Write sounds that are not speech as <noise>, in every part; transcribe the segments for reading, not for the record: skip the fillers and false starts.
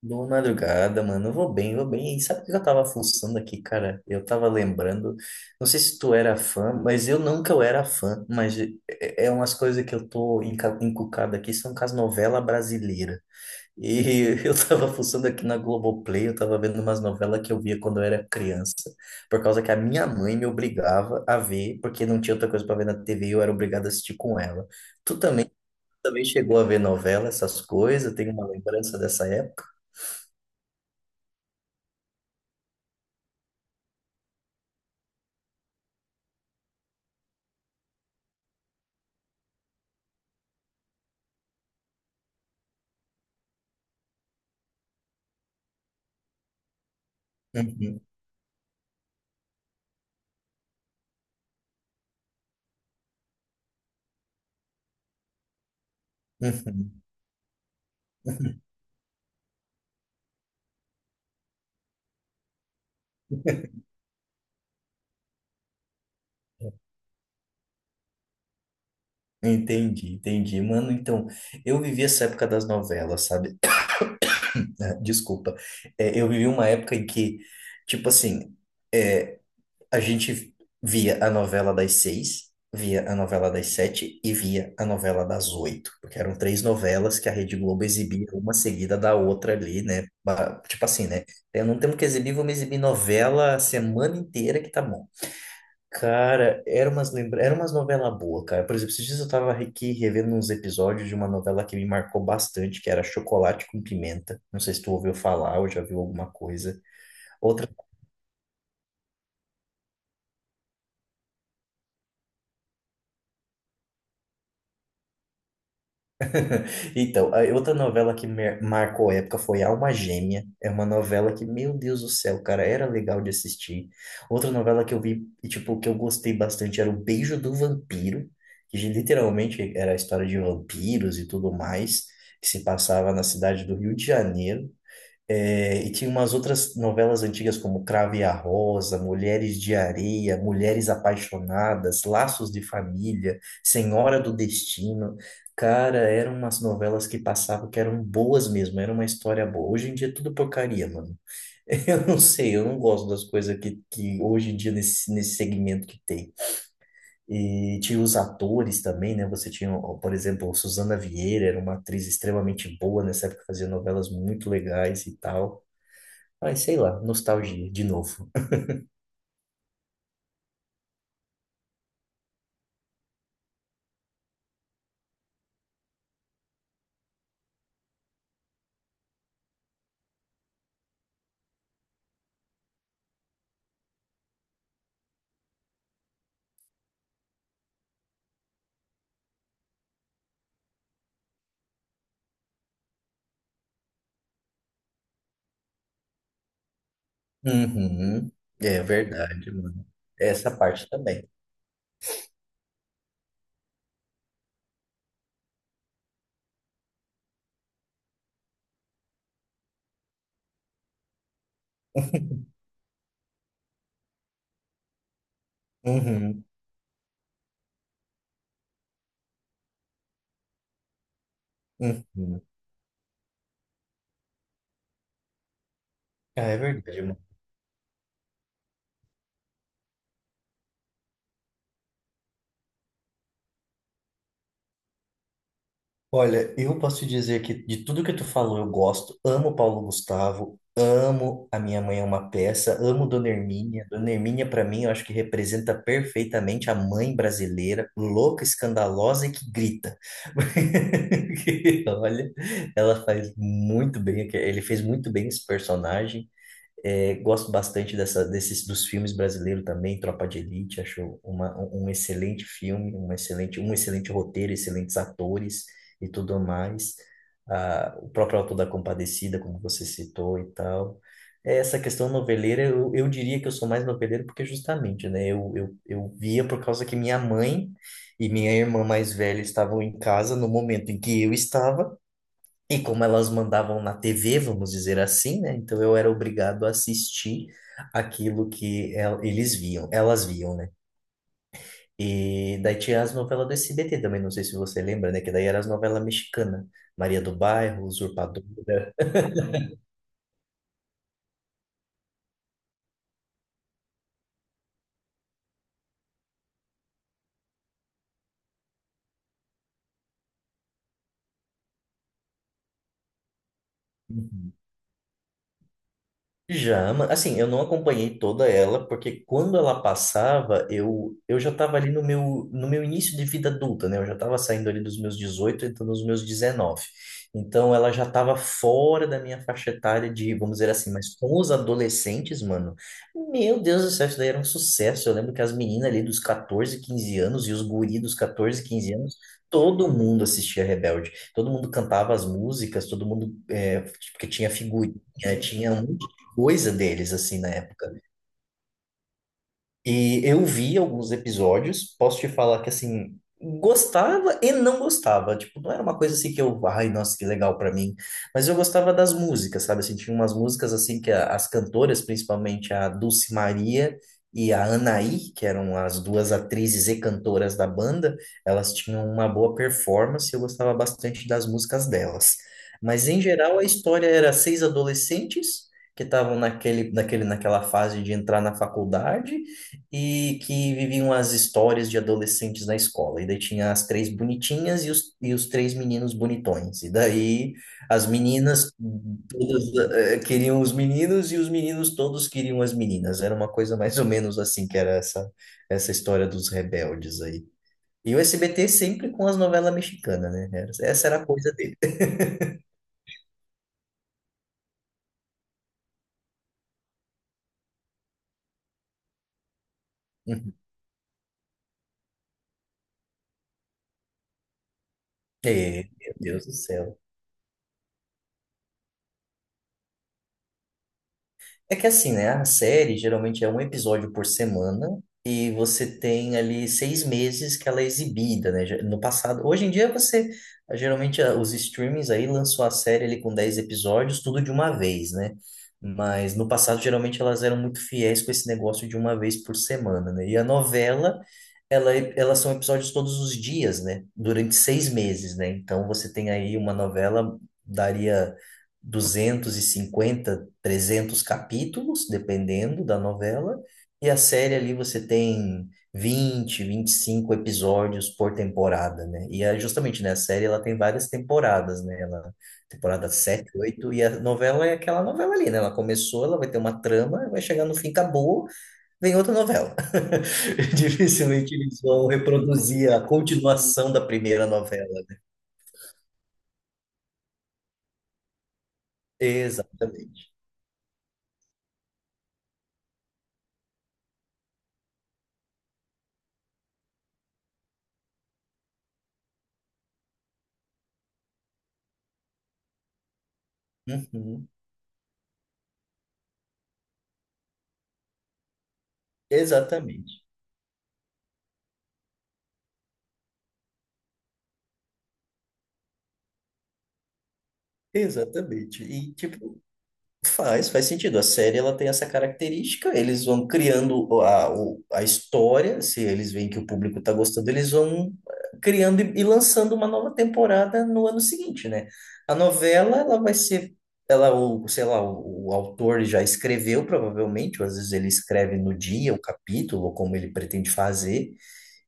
Boa madrugada, mano. Eu vou bem, eu vou bem. E sabe o que eu tava fuçando aqui, cara? Eu tava lembrando. Não sei se tu era fã, mas eu nunca eu era fã. Mas é umas coisas que eu tô encucado aqui, são com as novelas brasileiras. E <laughs> eu tava fuçando aqui na Globoplay, eu tava vendo umas novelas que eu via quando eu era criança. Por causa que a minha mãe me obrigava a ver, porque não tinha outra coisa pra ver na TV e eu era obrigado a assistir com ela. Tu também chegou a ver novela, essas coisas? Tem uma lembrança dessa época? <laughs> <laughs> Uhum. Entendi, entendi. Mano, então, eu vivi essa época das novelas, sabe? <coughs> <clears throat> Ah, desculpa. É, eu vivi uma época em que, tipo assim, é, a gente via a novela das seis, via a novela das sete e via a novela das oito, porque eram três novelas que a Rede Globo exibia uma seguida da outra ali, né? Tipo assim, né? Eu não tenho que exibir, vamos exibir novela a semana inteira que tá bom. Cara, era umas novela boa, cara. Por exemplo, esses dias eu tava aqui revendo uns episódios de uma novela que me marcou bastante, que era Chocolate com Pimenta. Não sei se tu ouviu falar ou já viu alguma coisa. Outra, então, a outra novela que marcou a época foi Alma Gêmea. É uma novela que, meu Deus do céu, cara, era legal de assistir. Outra novela que eu vi e tipo que eu gostei bastante era O Beijo do Vampiro, que literalmente era a história de vampiros e tudo mais. Que se passava na cidade do Rio de Janeiro. É, e tinha umas outras novelas antigas como Cravo e a Rosa, Mulheres de Areia, Mulheres Apaixonadas, Laços de Família, Senhora do Destino. Cara, eram umas novelas que passavam que eram boas mesmo, era uma história boa. Hoje em dia é tudo porcaria, mano. <laughs> Eu não sei, eu não gosto das coisas que hoje em dia nesse segmento que tem. E tinha os atores também, né? Você tinha, ó, por exemplo, Suzana Vieira, era uma atriz extremamente boa nessa época, fazia novelas muito legais e tal. Ai, sei lá, nostalgia, de novo. Uhum, é verdade, mano. Essa parte também. <laughs> Uhum, uhum. Ah, é verdade, mano. Olha, eu posso te dizer que de tudo que tu falou, eu gosto. Amo Paulo Gustavo, amo A Minha Mãe é uma Peça, amo Dona Hermínia. Dona Hermínia, pra mim, eu acho que representa perfeitamente a mãe brasileira, louca, escandalosa e que grita. <laughs> Porque, olha, ela faz muito bem, ele fez muito bem esse personagem. É, gosto bastante dessa, desses dos filmes brasileiros também, Tropa de Elite, acho uma, um um excelente filme, um excelente roteiro, excelentes atores e tudo mais. Ah, o próprio Auto da Compadecida, como você citou e tal. É, essa questão noveleira, eu diria que eu sou mais noveleiro porque justamente, né, eu via por causa que minha mãe e minha irmã mais velha estavam em casa no momento em que eu estava, e como elas mandavam na TV, vamos dizer assim, né? Então eu era obrigado a assistir aquilo que eles viam, elas viam, né? E daí tinha as novelas do SBT também, não sei se você lembra, né? Que daí eram as novelas mexicanas, Maria do Bairro, Usurpadora. Uhum. Já, assim, eu não acompanhei toda ela, porque quando ela passava, eu já estava ali no meu início de vida adulta, né? Eu já estava saindo ali dos meus 18 entrando nos meus 19. Então, ela já estava fora da minha faixa etária de, vamos dizer assim, mas com os adolescentes, mano, meu Deus do céu, isso daí era um sucesso. Eu lembro que as meninas ali dos 14-15 anos e os guri dos 14-15 anos, todo mundo assistia Rebelde. Todo mundo cantava as músicas, todo mundo, porque tinha figurinha, tinha um coisa deles, assim, na época. E eu vi alguns episódios, posso te falar que assim, gostava e não gostava. Tipo, não era uma coisa assim que eu, ai, nossa, que legal pra mim. Mas eu gostava das músicas, sabe? Assim, tinha umas músicas assim que as cantoras, principalmente a Dulce Maria e a Anaí, que eram as duas atrizes e cantoras da banda, elas tinham uma boa performance, e eu gostava bastante das músicas delas. Mas em geral a história era seis adolescentes que estavam naquela fase de entrar na faculdade e que viviam as histórias de adolescentes na escola. E daí tinha as três bonitinhas e e os três meninos bonitões. E daí as meninas todas queriam os meninos e os meninos todos queriam as meninas. Era uma coisa mais ou menos assim que era essa, história dos rebeldes aí. E o SBT sempre com as novelas mexicanas, né? Essa era a coisa dele. <laughs> É, meu Deus do céu. É que assim, né? A série geralmente é um episódio por semana e você tem ali 6 meses que ela é exibida, né? No passado, hoje em dia você geralmente os streamings aí lançou a série ali com 10 episódios, tudo de uma vez, né? Mas no passado geralmente elas eram muito fiéis com esse negócio de uma vez por semana, né? E a novela, elas são episódios todos os dias, né? Durante 6 meses, né? Então você tem aí uma novela daria 250 300 capítulos, dependendo da novela, e a série ali você tem 20-25 episódios por temporada, né? E é justamente, né, a série ela tem várias temporadas, né? Ela, temporada 7-8 e a novela é aquela novela ali, né? Ela começou, ela vai ter uma trama, vai chegar no fim, acabou, vem outra novela. <laughs> Dificilmente eles vão reproduzir a continuação da primeira novela. Exatamente. Uhum. Exatamente. Exatamente. E, tipo, faz sentido. A série ela tem essa característica. Eles vão criando a história. Se eles veem que o público está gostando, eles vão criando e lançando uma nova temporada no ano seguinte, né? A novela ela vai ser, ela o, sei lá, o autor já escreveu provavelmente, ou às vezes ele escreve no dia o capítulo, ou como ele pretende fazer.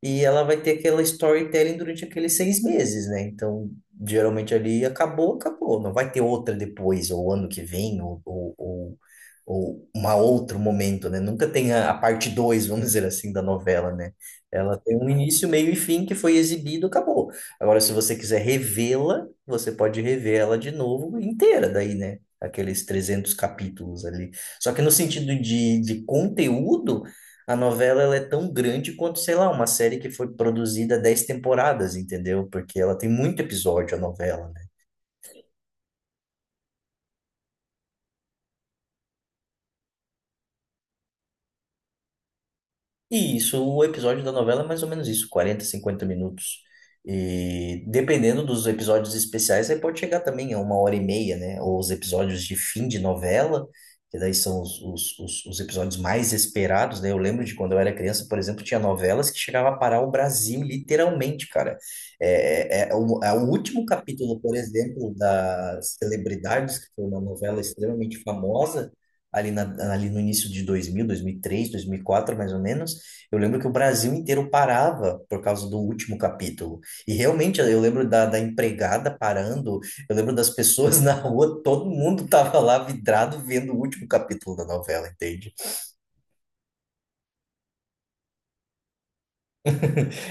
E ela vai ter aquela storytelling durante aqueles 6 meses, né? Então, geralmente ali acabou, acabou. Não vai ter outra depois, ou ano que vem, ou uma outro momento, né? Nunca tem a parte 2, vamos dizer assim, da novela, né? Ela tem um início, meio e fim que foi exibido, acabou. Agora, se você quiser revê-la, você pode rever ela de novo inteira, daí, né? Aqueles 300 capítulos ali. Só que no sentido de conteúdo, a novela ela é tão grande quanto, sei lá, uma série que foi produzida 10 temporadas, entendeu? Porque ela tem muito episódio, a novela, né? E isso, o episódio da novela é mais ou menos isso, 40-50 minutos. E dependendo dos episódios especiais, aí pode chegar também a uma hora e meia, né? Ou os episódios de fim de novela, que daí são os episódios mais esperados, né? Eu lembro de quando eu era criança, por exemplo, tinha novelas que chegava a parar o Brasil, literalmente, cara. É o último capítulo, por exemplo, da Celebridades, que foi uma novela extremamente famosa, ali, ali no início de 2000, 2003, quatro mais ou menos. Eu lembro que o Brasil inteiro parava por causa do último capítulo. E realmente eu lembro da empregada parando, eu lembro das pessoas <laughs> na rua, todo mundo tava lá vidrado vendo o último capítulo da novela, entende?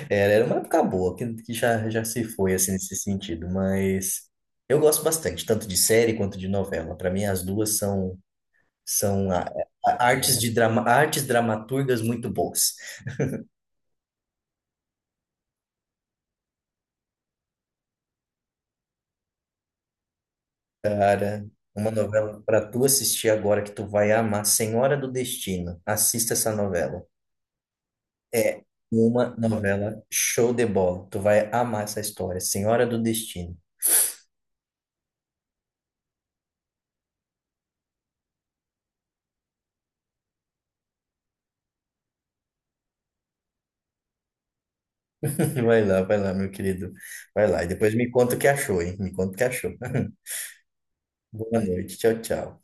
Era uma época boa, que já, já se foi assim nesse sentido, mas eu gosto bastante, tanto de série quanto de novela. Para mim, as duas são artes de drama, artes dramaturgas muito boas. Cara, uma novela para tu assistir agora que tu vai amar, Senhora do Destino. Assista essa novela. É uma novela show de bola. Tu vai amar essa história, Senhora do Destino. <laughs> Vai lá, meu querido. Vai lá e depois me conta o que achou, hein? Me conta o que achou. <laughs> Boa noite. Tchau, tchau.